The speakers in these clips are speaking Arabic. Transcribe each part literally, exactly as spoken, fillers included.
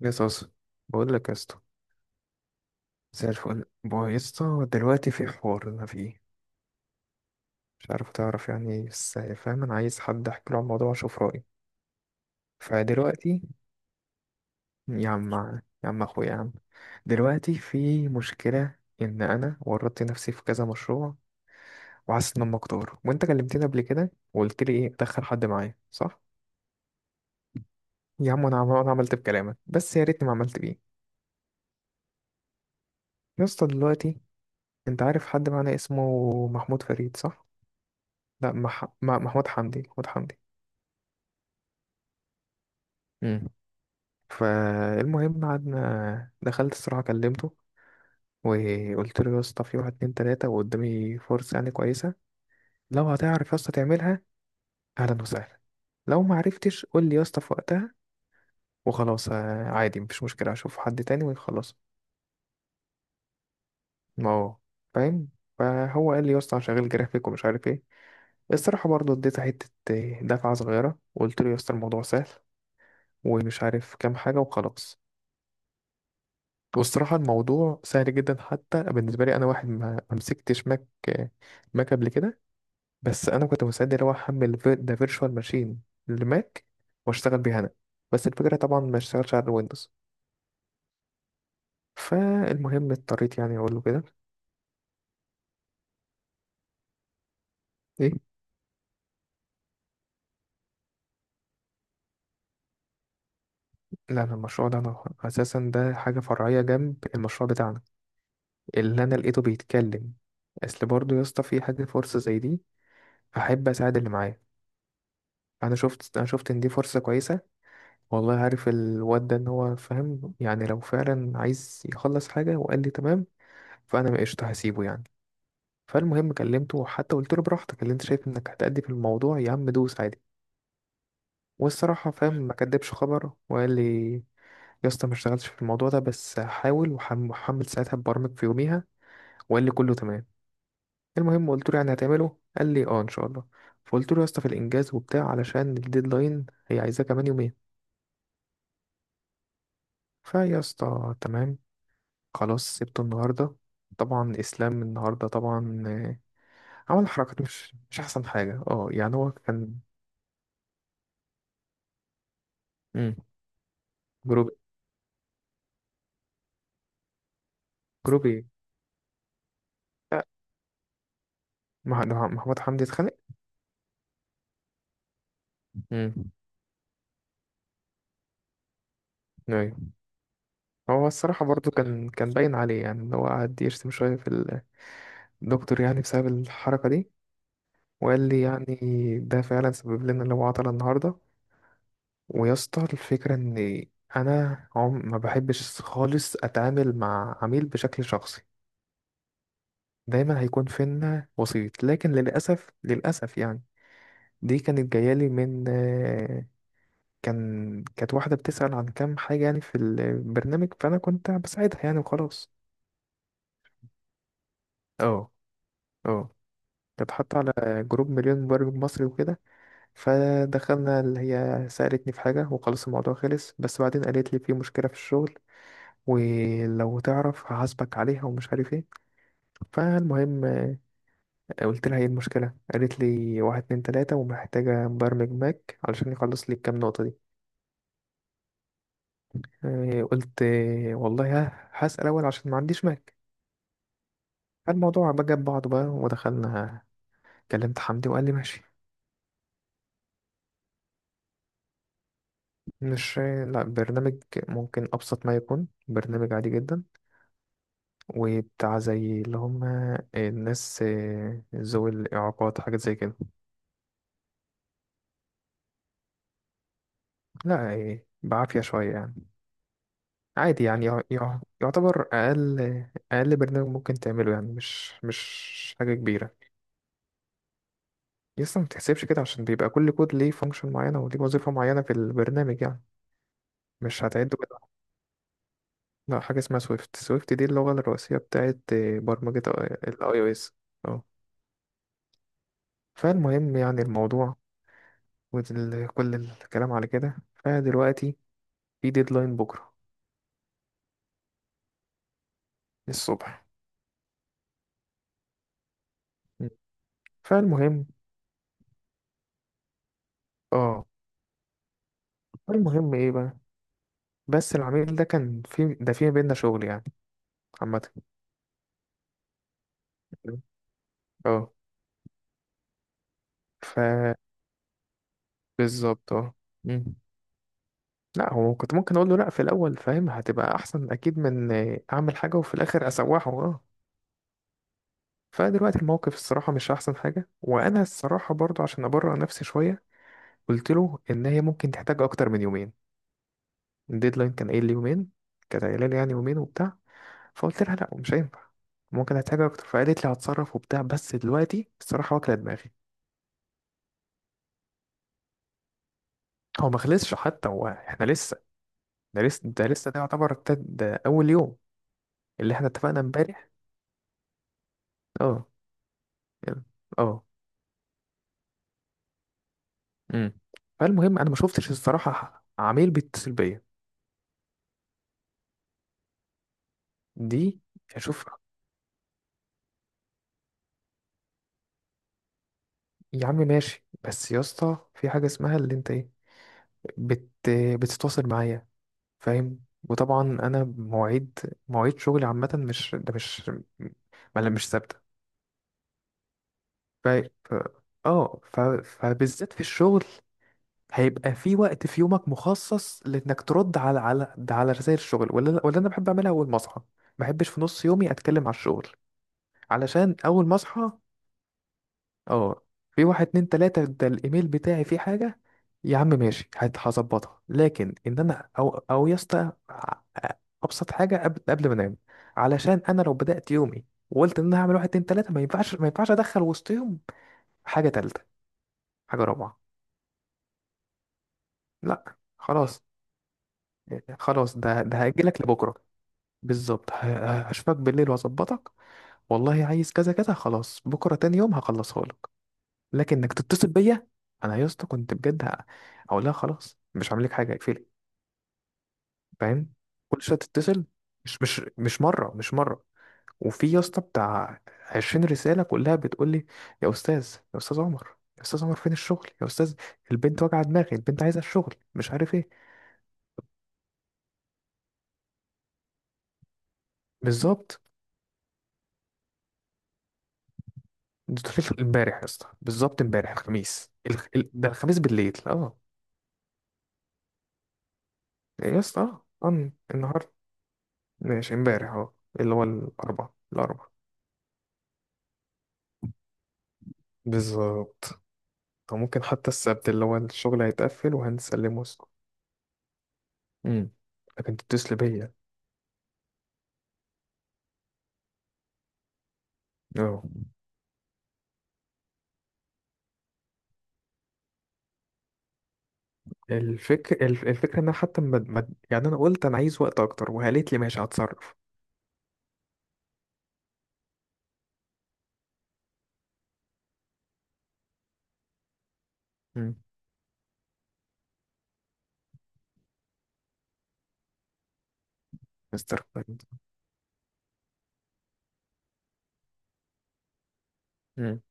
يا صاصة، بقول لك يا اسطى. زي الفل بقى يا اسطى. دلوقتي في حوار انا فيه مش عارف تعرف يعني إيه، بس فاهم انا عايز حد احكي له عن الموضوع واشوف رايه. فدلوقتي يا عم، يا عم اخويا يا عم، دلوقتي في مشكله ان انا ورطت نفسي في كذا مشروع وحاسس ان انا مكتور، وانت كلمتني قبل كده وقلت لي ايه، ادخل حد معايا صح. يا عم انا عم- أنا عملت بكلامك بس يا ريتني ما عملت بيه. يا اسطى دلوقتي انت عارف حد معانا اسمه محمود فريد صح. لا مح... مح- محمود حمدي محمود حمدي. مم. فالمهم قعدنا، دخلت الصراحة كلمته وقلت له يا اسطى في واحد اتنين تلاتة وقدامي فرصة يعني كويسة. لو هتعرف يا اسطى تعملها أهلا وسهلا، لو ما عرفتش قول لي يا اسطى في وقتها وخلاص آه، عادي مفيش مشكلة، أشوف حد تاني وخلاص. ما هو فاهم. فهو قال لي يا اسطى أنا شغال جرافيك ومش عارف ايه. الصراحة برضه اديته حتة آه، دفعة صغيرة وقلت له يا اسطى الموضوع سهل ومش عارف كام حاجة وخلاص. والصراحة الموضوع سهل جدا حتى بالنسبة لي أنا، واحد ما ما مسكتش ماك ماك قبل كده. بس أنا كنت مستعد اللي هو أحمل في- ده فيرتشوال ماشين لماك وأشتغل بيها أنا، بس الفكرة طبعا ما اشتغلش على الويندوز. فالمهم اضطريت يعني أقول له كده. إيه؟ لا أنا المشروع ده أنا أساسا ده حاجة فرعية جنب المشروع بتاعنا اللي أنا لقيته بيتكلم. أصل برضه يا اسطى في حاجة فرصة زي دي أحب أساعد اللي معايا. أنا شفت أنا شفت إن دي فرصة كويسة، والله عارف الواد ده ان هو فاهم يعني لو فعلا عايز يخلص حاجة وقال لي تمام، فانا ما قشطة هسيبه يعني. فالمهم كلمته، وحتى قلت له براحتك اللي انت شايف انك هتأدي في الموضوع يا عم دوس عادي. والصراحة فاهم ما كدبش خبر وقال لي يا اسطى ما اشتغلتش في الموضوع ده بس حاول وحمل ساعتها، ببرمج في يوميها. وقال لي كله تمام. المهم قلت له يعني هتعمله، قال لي اه ان شاء الله. فقلت له يا اسطى في الانجاز وبتاع علشان الديدلاين هي عايزاه كمان يومين. فيا اسطى تمام. خلاص سبته النهارده. طبعا اسلام النهارده طبعا آه، عمل حركات مش مش احسن حاجه، اه يعني هو كان. مم. جروب. جروب ايه؟ لا مح- ده محمود حمدي اتخانق. مم. ايوه. هو الصراحه برضو كان كان باين عليه، يعني ان هو قعد يشتم شويه في الدكتور يعني بسبب الحركه دي. وقال لي يعني ده فعلا سبب لنا اللي هو عطل النهارده. ويا اسطى الفكره ان انا عم ما بحبش خالص اتعامل مع عميل بشكل شخصي، دايما هيكون فينا وسيط، لكن للأسف للأسف يعني دي كانت جايالي من آه، كان كانت واحدة بتسأل عن كام حاجة يعني في البرنامج فأنا كنت بساعدها يعني وخلاص. اه. اه. كانت حاطة على جروب مليون مبرمج مصري وكده. فدخلنا اللي هي سألتني في حاجة وخلاص الموضوع خلص، بس بعدين قالت لي في مشكلة في الشغل ولو تعرف هحاسبك عليها ومش عارف ايه. فالمهم قلت لها ايه المشكلة، قالت لي واحد اتنين تلاتة ومحتاجة مبرمج ماك علشان يخلص لي الكام نقطة دي. آه، قلت آه، والله ها هسأل أول عشان ما عنديش ماك. الموضوع بقى جاب بعضه بقى ودخلنا. كلمت حمدي وقال لي ماشي. مش، لا برنامج. ممكن أبسط ما يكون برنامج عادي جدا وبتاع زي اللي هم الناس آه، ذوي الإعاقات، حاجات زي كده. لا آه، بعافية شوية يعني. عادي يعني يع- يع- يعتبر اقل، اقل برنامج ممكن تعمله، يعني مش مش حاجه كبيره. لسه ما تحسبش كده عشان بيبقى كل كود ليه فانكشن معينه وليه وظيفه معينه في البرنامج يعني. مش هتعده كده. لا حاجه اسمها سويفت. سويفت دي اللغه الرئيسيه بتاعت برمجه الاي او اس. اه. فالمهم يعني الموضوع وكل كل الكلام على كده. فدلوقتي في ديدلاين بكره الصبح. م. فالمهم. اه. المهم ايه بقى، بس العميل ده كان في ده في بينا شغل يعني عامة. اه. ف بالظبط اه. مم. لا هو كنت ممكن اقول له لا في الاول، فاهم هتبقى احسن اكيد من آه، اعمل حاجه وفي الاخر اسوحه، اه. فدلوقتي الموقف الصراحه مش احسن حاجه، وانا الصراحه برضو عشان ابرر نفسي شويه قلت له ان هي ممكن تحتاج اكتر من يومين. الديدلاين كان قايل لي يومين، كانت قايله لي يعني يومين وبتاع. فقلت لها لا مش هينفع، ممكن هحتاج اكتر، فقالت لي هتصرف وبتاع، بس دلوقتي الصراحه واكله دماغي. هو ما خلصش حتى، هو احنا لسه. ده لسه ده لسه ده يعتبر التد- ده اول يوم اللي احنا اتفقنا امبارح. اه. يلا. اه. امم. فالمهم انا ما شفتش الصراحه عميل بيتصل بيا. دي. اشوف. يا عم ماشي بس يا اسطى في حاجه اسمها اللي انت ايه، بت بتتواصل معايا، فاهم. وطبعا انا مواعيد، مواعيد شغلي عامه مش ده مش، ما مش ثابته. ف ف- اه ف... فبالذات في الشغل هيبقى في وقت في يومك مخصص لانك ترد على على ده على رسائل الشغل، ولا ولا انا بحب اعملها اول ما اصحى. ما بحبش في نص يومي اتكلم على الشغل، علشان اول ما اصحى اه في واحد اتنين تلاتة ده الايميل بتاعي فيه حاجة يا عم ماشي هت- هظبطها. لكن ان انا او او يا اسطى أ- ابسط حاجة قبل قبل ما انام، علشان انا لو بدأت يومي وقلت ان انا هعمل واحد اتنين تلاتة ما ينفعش، ما ينفعش ادخل وسطهم حاجة تالتة، حاجة رابعة. لا خلاص، خلاص ده ده هاجلك لبكرة. بالظبط. ه- ه- هشوفك بالليل واظبطك. والله عايز كذا كذا خلاص بكره تاني يوم هخلصها لك، لكن انك تتصل بيا. انا يا اسطى كنت بجد ه- هقول لها خلاص مش هعمل لك حاجه اقفلي، فاهم. كل شويه تتصل مش مش مش مره مش مره. وفي يا اسطى بتاع عشرين رساله كلها بتقول لي يا استاذ، يا استاذ عمر، يا استاذ عمر فين الشغل يا استاذ. البنت واجعه دماغي، البنت عايزه الشغل مش عارف ايه. بالظبط. ده امبارح يا اسطى بالظبط امبارح الخميس الخ... ال- ده الخميس بالليل اه. يا اسطى اه آه، النهارده. ماشي امبارح اهو اللي هو الاربع. الاربع بالظبط. او ممكن حتى السبت اللي هو الشغل هيتقفل وهنسلمه اسطى. امم. لكن تتصل بيا. اه. الفكر الف- الفكره ان انا حتى ما ما- يعني انا قلت انا عايز وقت اكتر وقالت لي ماشي هتصرف. امم. مستر فايد. امم.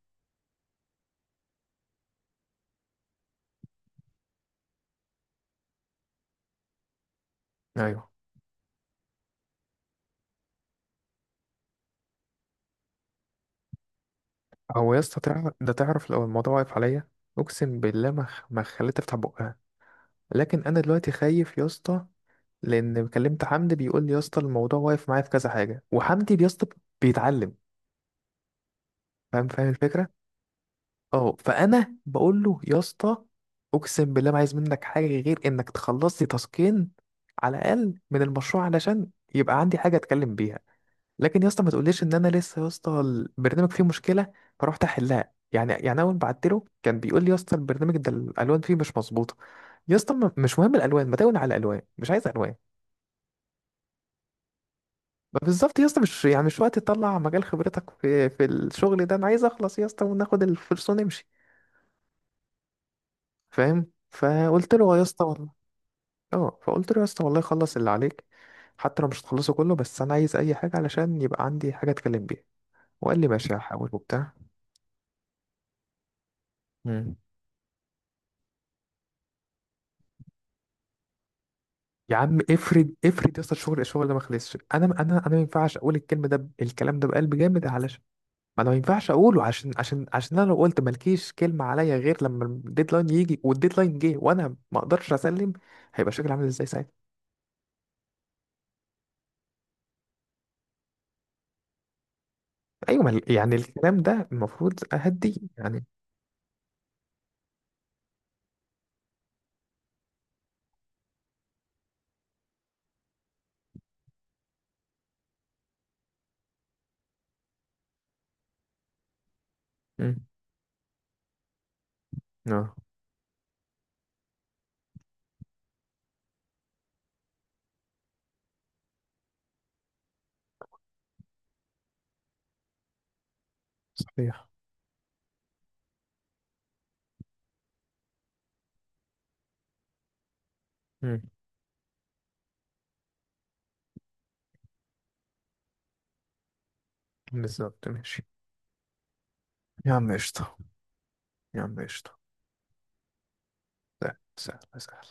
ايوه. هو يا اسطى تعرف ده، تعرف لو الموضوع واقف عليا اقسم بالله ما خ- ما خليت افتح بقها. لكن انا دلوقتي خايف يا اسطى، لان كلمت حمدي بيقول لي يا اسطى الموضوع واقف معايا في كذا حاجه، وحمدي يا اسطى بيتعلم، فاهم، فاهم الفكره. اه. فانا بقول له يا اسطى اقسم بالله ما عايز منك حاجه غير انك تخلص لي تاسكين على الاقل من المشروع، علشان يبقى عندي حاجه اتكلم بيها. لكن يا اسطى ما تقوليش ان انا لسه يا اسطى البرنامج فيه مشكله فرحت احلها يعني. يعني اول ما بعت له كان بيقول لي يا اسطى البرنامج ده الالوان فيه مش مظبوطه. يا اسطى ما- مش مهم الالوان، ما تقول على الالوان، مش عايز الوان. ما بالظبط يا اسطى مش يعني مش وقت تطلع مجال خبرتك في في الشغل ده، انا عايز اخلص يا اسطى وناخد الفلوس ونمشي. فاهم. فقلت له يا اسطى والله. اه. فقلت له يا اسطى والله خلص اللي عليك، حتى لو مش هتخلصه كله، بس انا عايز اي حاجه علشان يبقى عندي حاجه اتكلم بيها. وقال لي ماشي هحاول وبتاع. مم. يا عم افرض افرض يا اسطى الشغل الشغل ده ما خلصش، انا انا انا ما ينفعش اقول الكلمه ده ب- الكلام ده بقلب جامد، علشان ما انا ما ينفعش اقوله عشان عشان عشان انا لو قلت مالكيش كلمه عليا غير لما الديدلاين يجي، والديدلاين جه وانا ما اقدرش اسلم هيبقى شكلي عامل ازاي ساعتها. ايوه ما ال- يعني الكلام ده المفروض اهديه يعني. امم. اه. صحيح. امم. بالظبط ماشي. يا عم قشطه، يا عم قشطه. سهل، سهل، سهل.